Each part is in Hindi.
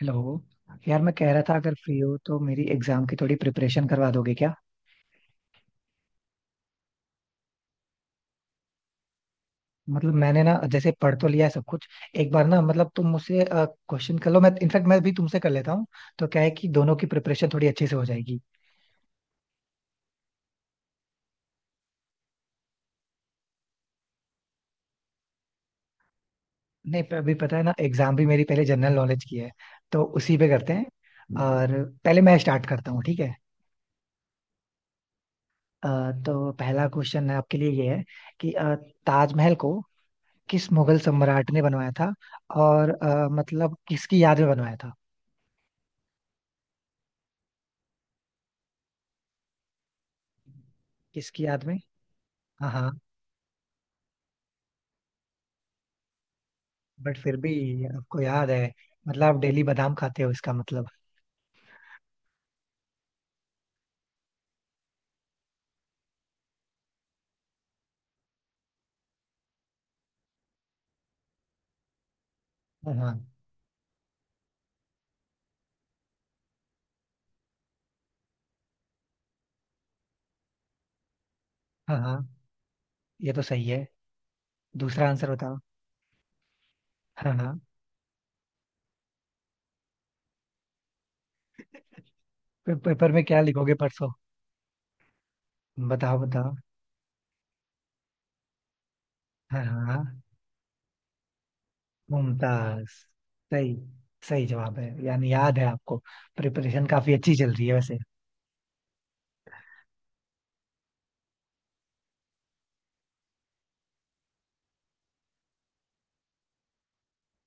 हेलो। यार मैं कह रहा था अगर फ्री हो तो मेरी एग्जाम की थोड़ी प्रिपरेशन करवा दोगे क्या। मतलब मैंने ना जैसे पढ़ तो लिया है सब कुछ। एक बार ना मतलब तुम मुझसे क्वेश्चन कर लो, मैं इनफैक्ट मैं भी तुमसे कर लेता हूँ। तो क्या है कि दोनों की प्रिपरेशन थोड़ी अच्छे से हो जाएगी। नहीं पर अभी पता है ना, एग्जाम भी मेरी पहले जनरल नॉलेज की है तो उसी पे करते हैं। और पहले मैं स्टार्ट करता हूँ ठीक है। तो पहला क्वेश्चन है आपके लिए, ये है कि ताजमहल को किस मुगल सम्राट ने बनवाया था, और मतलब किसकी याद में बनवाया था। किसकी याद में। हाँ हाँ, बट फिर भी आपको याद है। मतलब आप डेली बादाम खाते हो इसका मतलब। हाँ हाँ। हाँ हाँ, ये तो सही है। दूसरा आंसर बताओ। हाँ हाँ। पेपर में क्या लिखोगे परसों। बताओ बताओ। हाँ हाँ। मुमताज। सही, सही जवाब है, यानी याद है आपको। प्रिपरेशन काफी अच्छी चल रही है वैसे।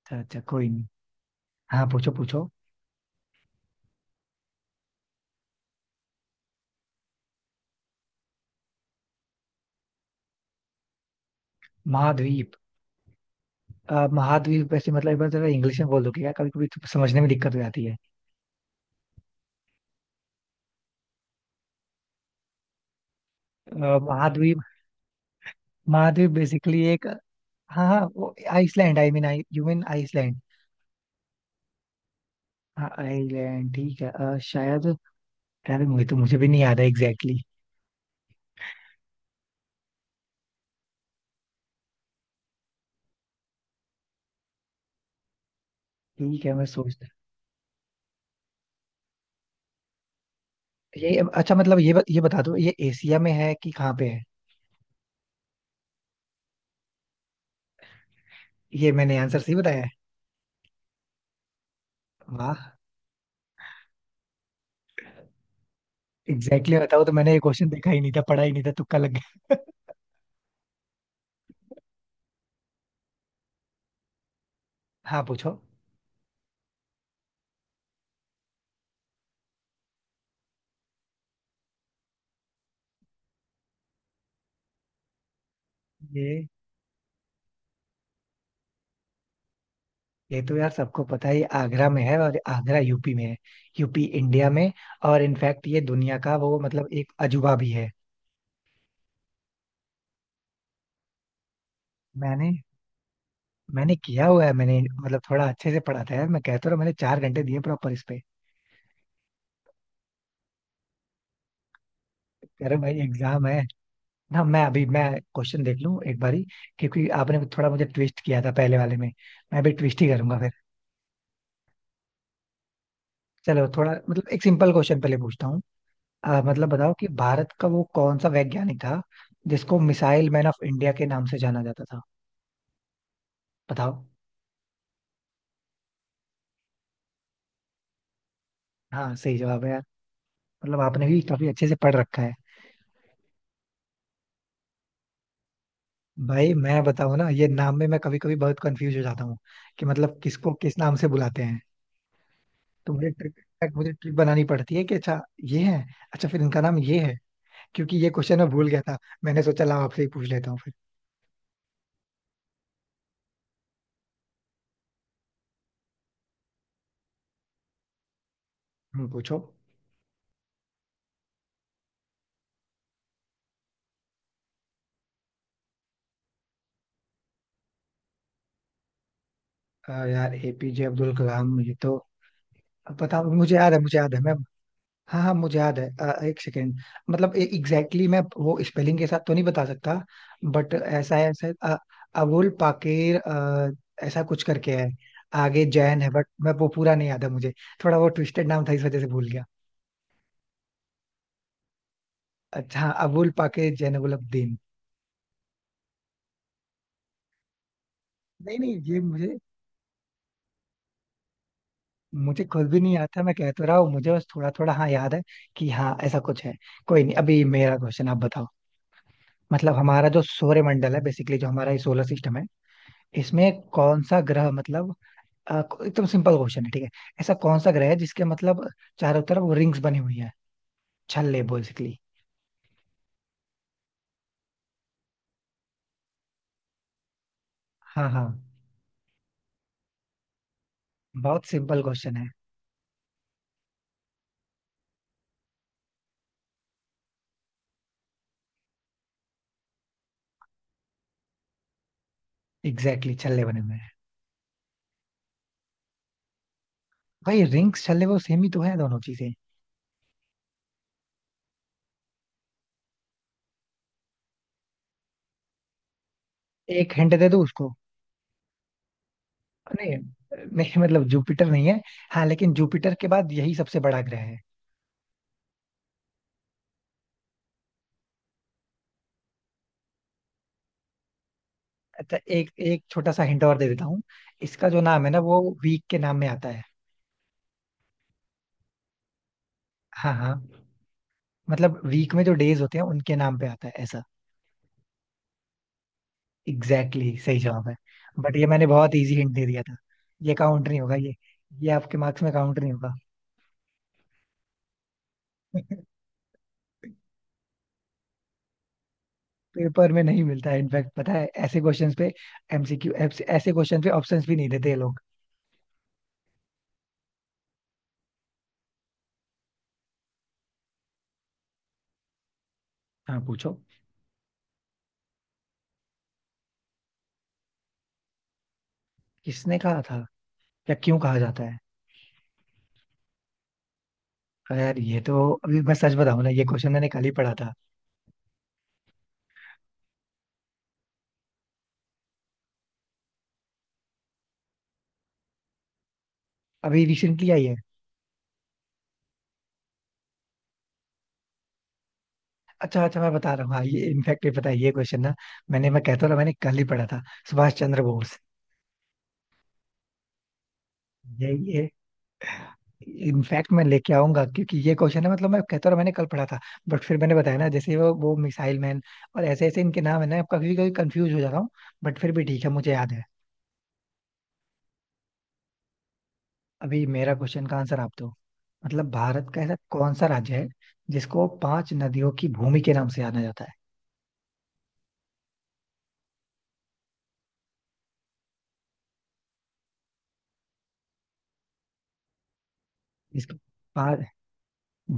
अच्छा अच्छा, कोई नहीं। हाँ पूछो पूछो। महाद्वीप। महाद्वीप वैसे मतलब, एक बार जरा इंग्लिश में बोल दो क्या, कभी कभी तो समझने में दिक्कत हो जाती है। महाद्वीप। महाद्वीप बेसिकली एक। हाँ हाँ वो Iceland, I mean I you mean Iceland. हाँ आइलैंड ठीक है शायद। यार मुझे तो, मुझे भी नहीं याद है एग्जैक्टली। ठीक है मैं सोचता। ये अच्छा मतलब ये बता दो, ये एशिया में है कि कहाँ पे है। ये मैंने आंसर सही बताया है। वाह। एग्जैक्टली बताओ, तो मैंने ये क्वेश्चन देखा ही नहीं था, पढ़ा ही नहीं था, तुक्का लग गया। हाँ पूछो। ये ये तो यार सबको पता है, ये आगरा में है और आगरा यूपी में है, यूपी इंडिया में। और इनफैक्ट ये दुनिया का वो मतलब एक अजूबा भी है। मैंने मैंने किया हुआ है, मैंने मतलब थोड़ा अच्छे से पढ़ा था यार, मैं कहता रहा, मैंने 4 घंटे दिए प्रॉपर इस पे। कह रहे भाई एग्जाम है ना, मैं अभी मैं क्वेश्चन देख लूं एक बारी, क्योंकि आपने थोड़ा मुझे ट्विस्ट किया था पहले वाले में, मैं भी ट्विस्ट ही करूंगा फिर। चलो थोड़ा मतलब एक सिंपल क्वेश्चन पहले पूछता हूँ। मतलब बताओ कि भारत का वो कौन सा वैज्ञानिक था जिसको मिसाइल मैन ऑफ इंडिया के नाम से जाना जाता था, बताओ। हाँ सही जवाब है यार, मतलब आपने भी काफी अच्छे से पढ़ रखा है। भाई मैं बताऊं ना, ये नाम में मैं कभी कभी बहुत कंफ्यूज हो जाता हूँ कि मतलब किसको किस नाम से बुलाते हैं। तो मुझे ट्रिक, इनफैक्ट मुझे ट्रिक बनानी पड़ती है कि अच्छा ये है, अच्छा फिर इनका नाम ये है, क्योंकि ये क्वेश्चन मैं भूल गया था, मैंने सोचा लाओ आपसे ही पूछ लेता हूँ फिर। पूछो। यार एपीजे अब्दुल कलाम ये तो पता, मुझे याद है मैं। हाँ हाँ मुझे याद है, एक सेकेंड। मतलब एग्जैक्टली मैं वो स्पेलिंग के साथ तो नहीं बता सकता, बट ऐसा है, अबुल पाकिर ऐसा कुछ करके है, आगे जैन है बट मैं वो पूरा नहीं याद है मुझे। थोड़ा वो ट्विस्टेड नाम था इस वजह से भूल गया। अच्छा हाँ, अबुल पाकिर जैनबुल अब्दीन। नहीं नहीं ये मुझे, मुझे खुद भी नहीं याद था, मैं कह तो रहा हूँ मुझे बस थोड़ा थोड़ा हाँ याद है, कि हाँ ऐसा कुछ है। कोई नहीं, अभी मेरा क्वेश्चन आप बताओ। मतलब हमारा जो सौरमंडल है बेसिकली, जो हमारा ये सोलर सिस्टम है, इसमें कौन सा ग्रह मतलब आ, एकदम सिंपल क्वेश्चन है ठीक है। ऐसा कौन सा ग्रह है जिसके मतलब चारों तरफ रिंग्स बनी हुई है, छल्ले बेसिकली। हाँ हाँ। बहुत सिंपल क्वेश्चन है। एग्जैक्टली, छल्ले बने हुए हैं। भाई रिंग्स छल्ले वो सेम ही तो है दोनों चीजें। एक हिंट दे दो उसको। नहीं नहीं, मतलब जुपिटर नहीं है, हाँ लेकिन जुपिटर के बाद यही सबसे बड़ा ग्रह है। अच्छा एक एक छोटा सा हिंट और दे देता हूँ, इसका जो नाम है ना वो वीक के नाम में आता है। हाँ हाँ, मतलब वीक में जो डेज होते हैं उनके नाम पे आता है ऐसा। एग्जैक्टली, सही जवाब है, बट ये मैंने बहुत इजी हिंट दे दिया था, ये काउंट नहीं होगा, ये आपके मार्क्स में काउंट नहीं होगा। पेपर में नहीं मिलता है इनफैक्ट, पता है ऐसे क्वेश्चंस पे एमसीक्यू, ऐसे क्वेश्चंस पे ऑप्शंस भी नहीं देते ये लोग। हाँ पूछो। किसने कहा था या क्यों कहा जाता है। अरे यार ये तो, अभी मैं सच बताऊं ना, ये क्वेश्चन मैंने कल ही पढ़ा था। अभी रिसेंटली आई है। अच्छा अच्छा मैं बता रहा हूँ हाँ, ये इनफैक्ट ये पता है ये क्वेश्चन ना, मैंने, मैं कहता हूँ ना, मैंने कल ही पढ़ा था, सुभाष चंद्र बोस। ये इनफैक्ट मैं लेके आऊंगा, क्योंकि ये क्वेश्चन है मतलब, मैं कहता हूँ मैंने कल पढ़ा था। बट फिर मैंने बताया ना, जैसे वो मिसाइल मैन, और ऐसे ऐसे इनके नाम है ना, कभी कभी कंफ्यूज हो जाता हूँ। बट फिर भी ठीक है मुझे याद है। अभी मेरा क्वेश्चन का आंसर आप दो। मतलब भारत का ऐसा कौन सा राज्य है जिसको पांच नदियों की भूमि के नाम से जाना जाता है। जिसको पांच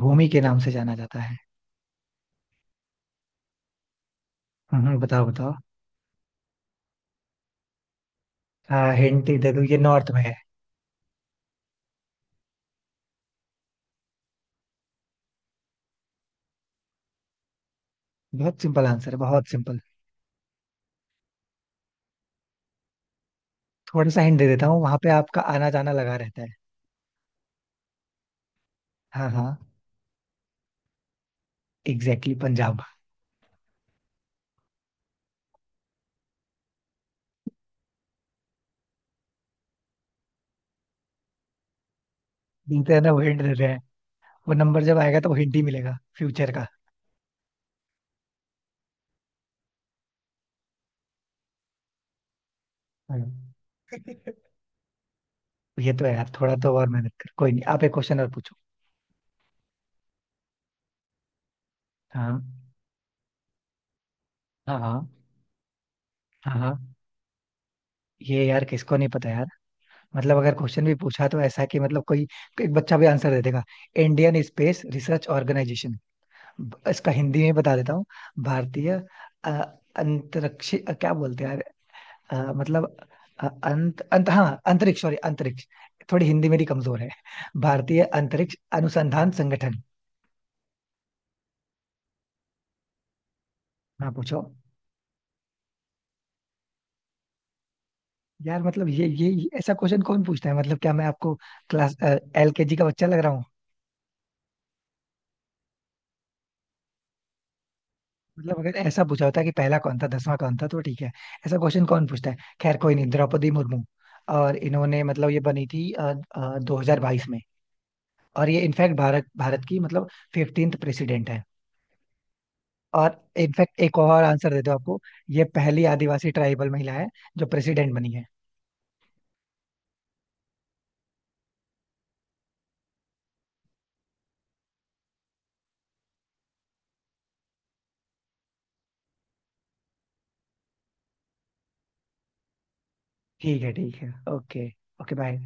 भूमि के नाम से जाना जाता है। बताओ बताओ। हाँ हिंट दे दूँ, ये नॉर्थ में है। बहुत सिंपल आंसर है, बहुत सिंपल। थोड़ा सा हिंट दे देता हूँ, वहां पे आपका आना जाना लगा रहता है। हाँ हाँ। एग्जैक्टली पंजाब। देते हैं ना, वो हिंट देते हैं, वो नंबर जब आएगा तो वो हिंट ही मिलेगा फ्यूचर का। हम्म। ये तो है यार, थोड़ा तो और मेहनत कर, कोई नहीं आप एक क्वेश्चन और पूछो। हाँ हाँ। हाँ हाँ। हाँ, ये यार किसको नहीं पता यार, मतलब अगर क्वेश्चन भी पूछा तो ऐसा कि मतलब कोई एक बच्चा भी आंसर दे देगा। Indian Space Research Organisation. इसका हिंदी में बता देता हूँ, भारतीय अ, अंतरिक्ष क्या बोलते हैं यार, मतलब अ, अंत अंत हाँ अंतरिक्ष, सॉरी अंतरिक्ष। थोड़ी हिंदी मेरी कमजोर है। भारतीय अंतरिक्ष अनुसंधान संगठन। हाँ पूछो। यार मतलब ये ऐसा क्वेश्चन कौन पूछता है, मतलब क्या मैं आपको क्लास एलकेजी का बच्चा लग रहा हूँ। मतलब अगर ऐसा पूछा होता कि पहला कौन था, दसवां कौन था तो ठीक है। ऐसा क्वेश्चन कौन पूछता है, खैर कोई नहीं, द्रौपदी मुर्मू। और इन्होंने मतलब ये बनी थी 2022 में। और ये इनफैक्ट भारत भारत की मतलब 15वें प्रेसिडेंट है। और इनफैक्ट एक और आंसर देते हो आपको, ये पहली आदिवासी ट्राइबल महिला है जो प्रेसिडेंट बनी है। ठीक है ठीक है ओके। Okay bye.